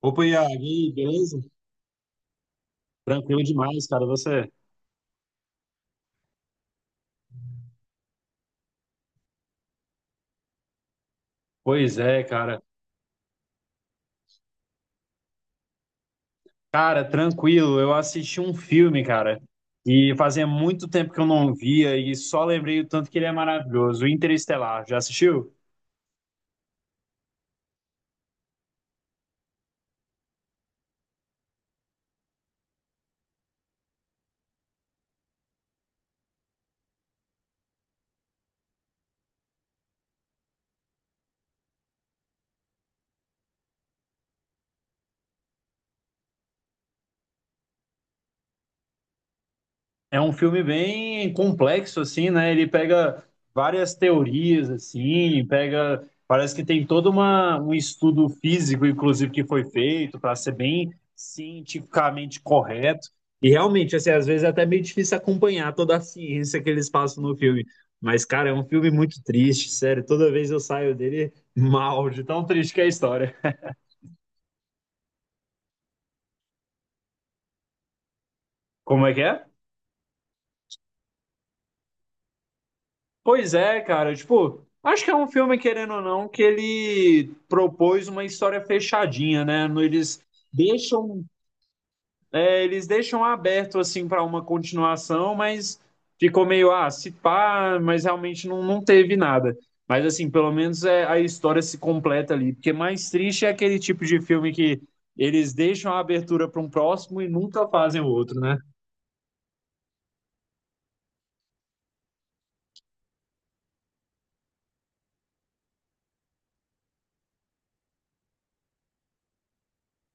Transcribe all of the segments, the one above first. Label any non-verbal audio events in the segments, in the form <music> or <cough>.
Opa, Iago, e aí, beleza? Tranquilo demais, cara, você? Pois é, cara. Cara, tranquilo, eu assisti um filme, cara, e fazia muito tempo que eu não via e só lembrei o tanto que ele é maravilhoso, Interestelar, já assistiu? É um filme bem complexo, assim, né? Ele pega várias teorias, assim, pega. Parece que tem todo um estudo físico, inclusive, que foi feito para ser bem cientificamente correto. E realmente, assim, às vezes é até meio difícil acompanhar toda a ciência que eles passam no filme. Mas, cara, é um filme muito triste, sério. Toda vez eu saio dele <laughs> mal, de tão triste que é a história. Como é que é? Pois é, cara, tipo, acho que é um filme, querendo ou não, que ele propôs uma história fechadinha, né? Eles deixam, é, eles deixam aberto assim para uma continuação, mas ficou meio, ah, se pá, mas realmente não teve nada. Mas assim, pelo menos é, a história se completa ali, porque mais triste é aquele tipo de filme que eles deixam a abertura para um próximo e nunca fazem o outro, né?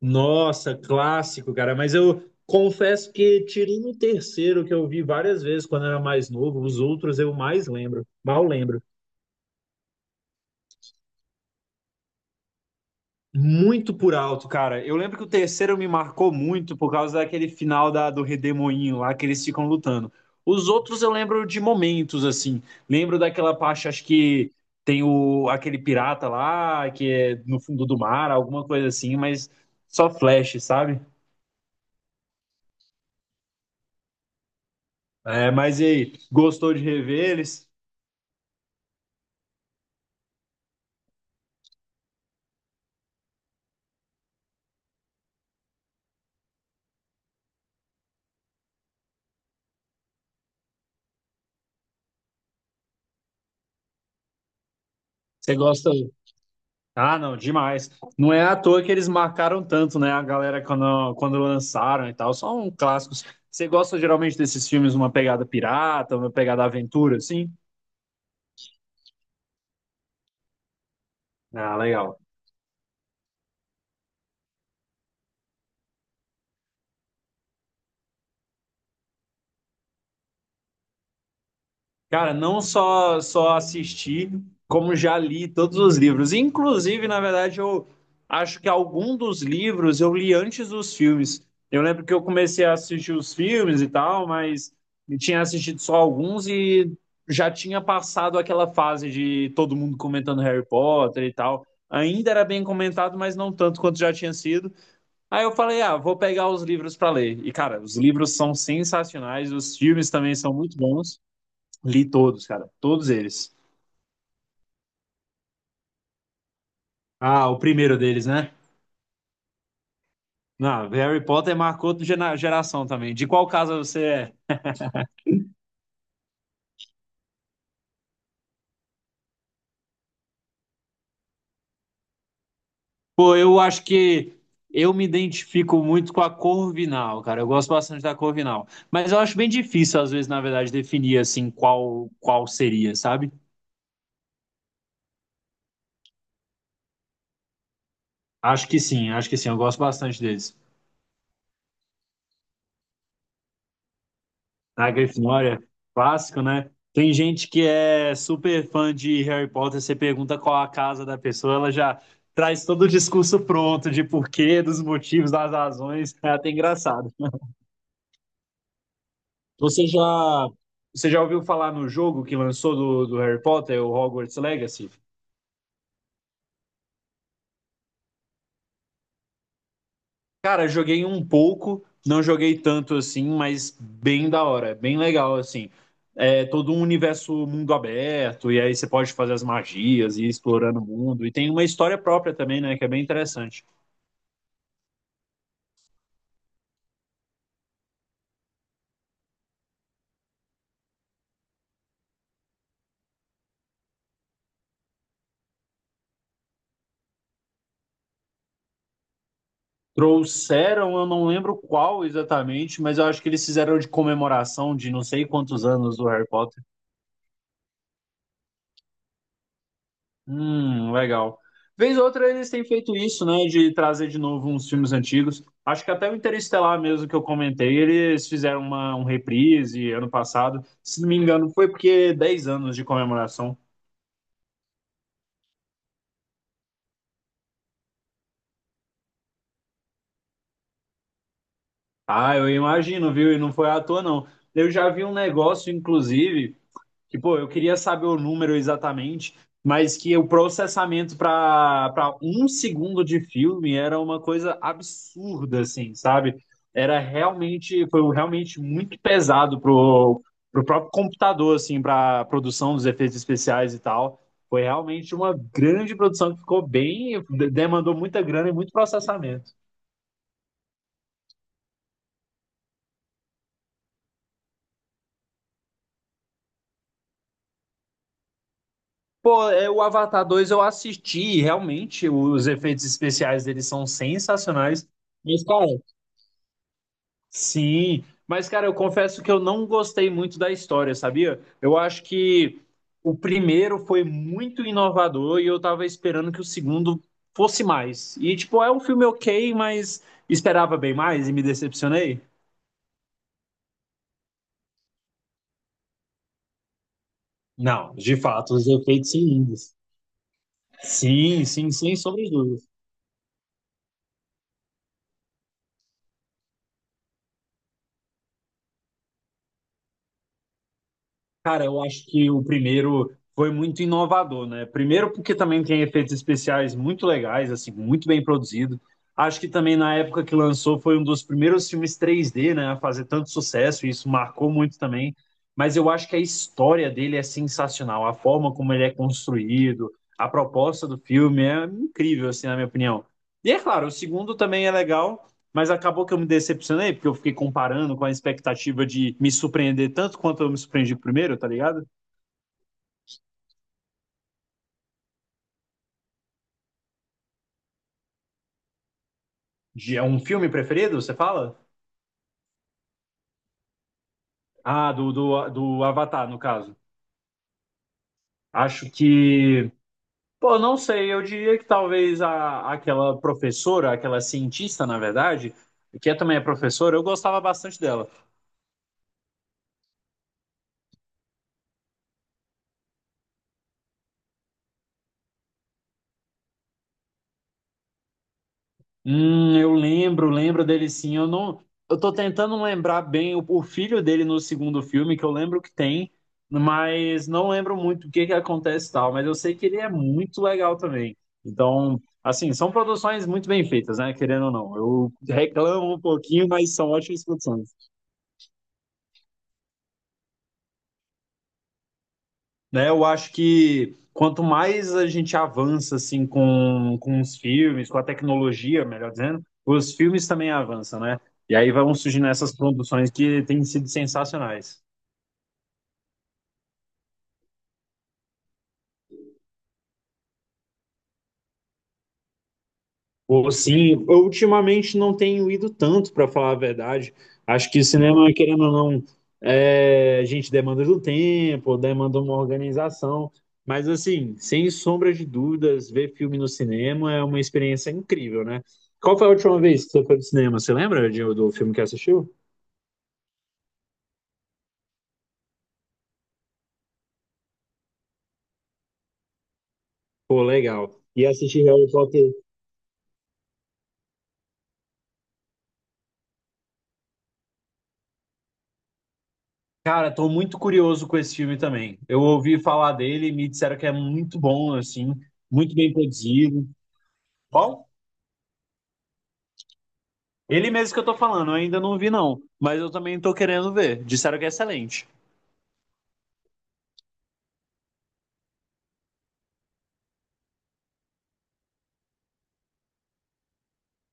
Nossa, clássico, cara. Mas eu confesso que tirando o terceiro, que eu vi várias vezes quando eu era mais novo, os outros eu mais lembro, mal lembro. Muito por alto, cara. Eu lembro que o terceiro me marcou muito por causa daquele final do Redemoinho lá que eles ficam lutando. Os outros eu lembro de momentos, assim. Lembro daquela parte, acho que tem aquele pirata lá, que é no fundo do mar, alguma coisa assim, mas só flash, sabe? É, mas e aí, gostou de rever eles? Você gosta. Ah, não, demais. Não é à toa que eles marcaram tanto, né? A galera quando lançaram e tal. São clássicos. Você gosta geralmente desses filmes, uma pegada pirata, uma pegada aventura, assim? Ah, legal. Cara, não só assisti, como já li todos os livros. Inclusive, na verdade, eu acho que algum dos livros eu li antes dos filmes. Eu lembro que eu comecei a assistir os filmes e tal, mas eu tinha assistido só alguns e já tinha passado aquela fase de todo mundo comentando Harry Potter e tal. Ainda era bem comentado, mas não tanto quanto já tinha sido. Aí eu falei, ah, vou pegar os livros para ler. E, cara, os livros são sensacionais, os filmes também são muito bons. Li todos, cara. Todos eles. Ah, o primeiro deles, né? Não, Harry Potter marcou outra geração também. De qual casa você é? Pô, eu acho que eu me identifico muito com a Corvinal, cara. Eu gosto bastante da Corvinal. Mas eu acho bem difícil, às vezes, na verdade, definir assim qual seria, sabe? Acho que sim, acho que sim. Eu gosto bastante deles. A Grifinória é clássico, né? Tem gente que é super fã de Harry Potter, você pergunta qual a casa da pessoa, ela já traz todo o discurso pronto de porquê, dos motivos, das razões. É até engraçado. Você já, você já ouviu falar no jogo que lançou do Harry Potter, o Hogwarts Legacy? Cara, joguei um pouco, não joguei tanto assim, mas bem da hora, bem legal assim. É todo um universo mundo aberto, e aí você pode fazer as magias e ir explorando o mundo. E tem uma história própria também, né? Que é bem interessante. Trouxeram, eu não lembro qual exatamente, mas eu acho que eles fizeram de comemoração de não sei quantos anos do Harry Potter. Legal. Vez ou outra eles têm feito isso, né, de trazer de novo uns filmes antigos. Acho que até o Interestelar mesmo que eu comentei, eles fizeram uma, um reprise ano passado. Se não me engano, foi porque 10 anos de comemoração. Ah, eu imagino, viu? E não foi à toa, não. Eu já vi um negócio, inclusive, que, pô, eu queria saber o número exatamente, mas que o processamento para um segundo de filme era uma coisa absurda, assim, sabe? Era realmente, foi um realmente muito pesado pro próprio computador, assim, para produção dos efeitos especiais e tal. Foi realmente uma grande produção que ficou bem, demandou muita grana e muito processamento. Pô, é, o Avatar 2 eu assisti, e realmente os efeitos especiais deles são sensacionais. Mas, cara, Sim, mas cara, eu confesso que eu não gostei muito da história, sabia? Eu acho que o primeiro foi muito inovador e eu tava esperando que o segundo fosse mais. E tipo, é um filme ok, mas esperava bem mais e me decepcionei? Não, de fato, os efeitos são lindos. Sim, sim, sim, sobre Cara, eu acho que o primeiro foi muito inovador, né? Primeiro porque também tem efeitos especiais muito legais, assim, muito bem produzido. Acho que também na época que lançou foi um dos primeiros filmes 3D, né, a fazer tanto sucesso, e isso marcou muito também. Mas eu acho que a história dele é sensacional, a forma como ele é construído, a proposta do filme é incrível, assim, na minha opinião. E é claro, o segundo também é legal, mas acabou que eu me decepcionei, porque eu fiquei comparando com a expectativa de me surpreender tanto quanto eu me surpreendi primeiro, tá ligado? De, é um filme preferido, você fala? Ah, do Avatar, no caso. Acho que. Pô, não sei, eu diria que talvez aquela professora, aquela cientista, na verdade, que é, também é professora, eu gostava bastante dela. Eu lembro, lembro dele sim. Eu não, eu tô tentando lembrar bem o filho dele no segundo filme, que eu lembro que tem, mas não lembro muito o que que acontece e tal, mas eu sei que ele é muito legal também. Então, assim, são produções muito bem feitas, né? Querendo ou não. Eu reclamo um pouquinho, mas são ótimas produções. Né? Eu acho que quanto mais a gente avança assim com os filmes, com a tecnologia, melhor dizendo, os filmes também avançam, né? E aí vão surgindo essas produções que têm sido sensacionais. Ou sim, eu ultimamente não tenho ido tanto, para falar a verdade. Acho que cinema, querendo ou não, é, a gente demanda do tempo, demanda uma organização. Mas, assim, sem sombra de dúvidas, ver filme no cinema é uma experiência incrível, né? Qual foi a última vez que você foi no cinema? Você lembra do filme que assistiu? Pô, legal. E assistir Harry Potter. Cara, tô muito curioso com esse filme também. Eu ouvi falar dele, me disseram que é muito bom, assim, muito bem produzido. Qual? Ele mesmo que eu tô falando, eu ainda não vi, não. Mas eu também tô querendo ver. Disseram que é excelente.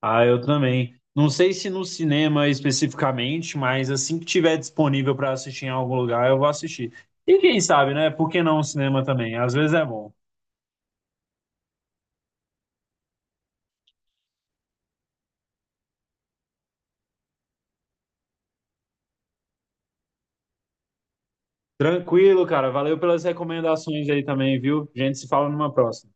Ah, eu também. Não sei se no cinema especificamente, mas assim que tiver disponível pra assistir em algum lugar, eu vou assistir. E quem sabe, né? Por que não o cinema também? Às vezes é bom. Tranquilo, cara. Valeu pelas recomendações aí também, viu? A gente se fala numa próxima.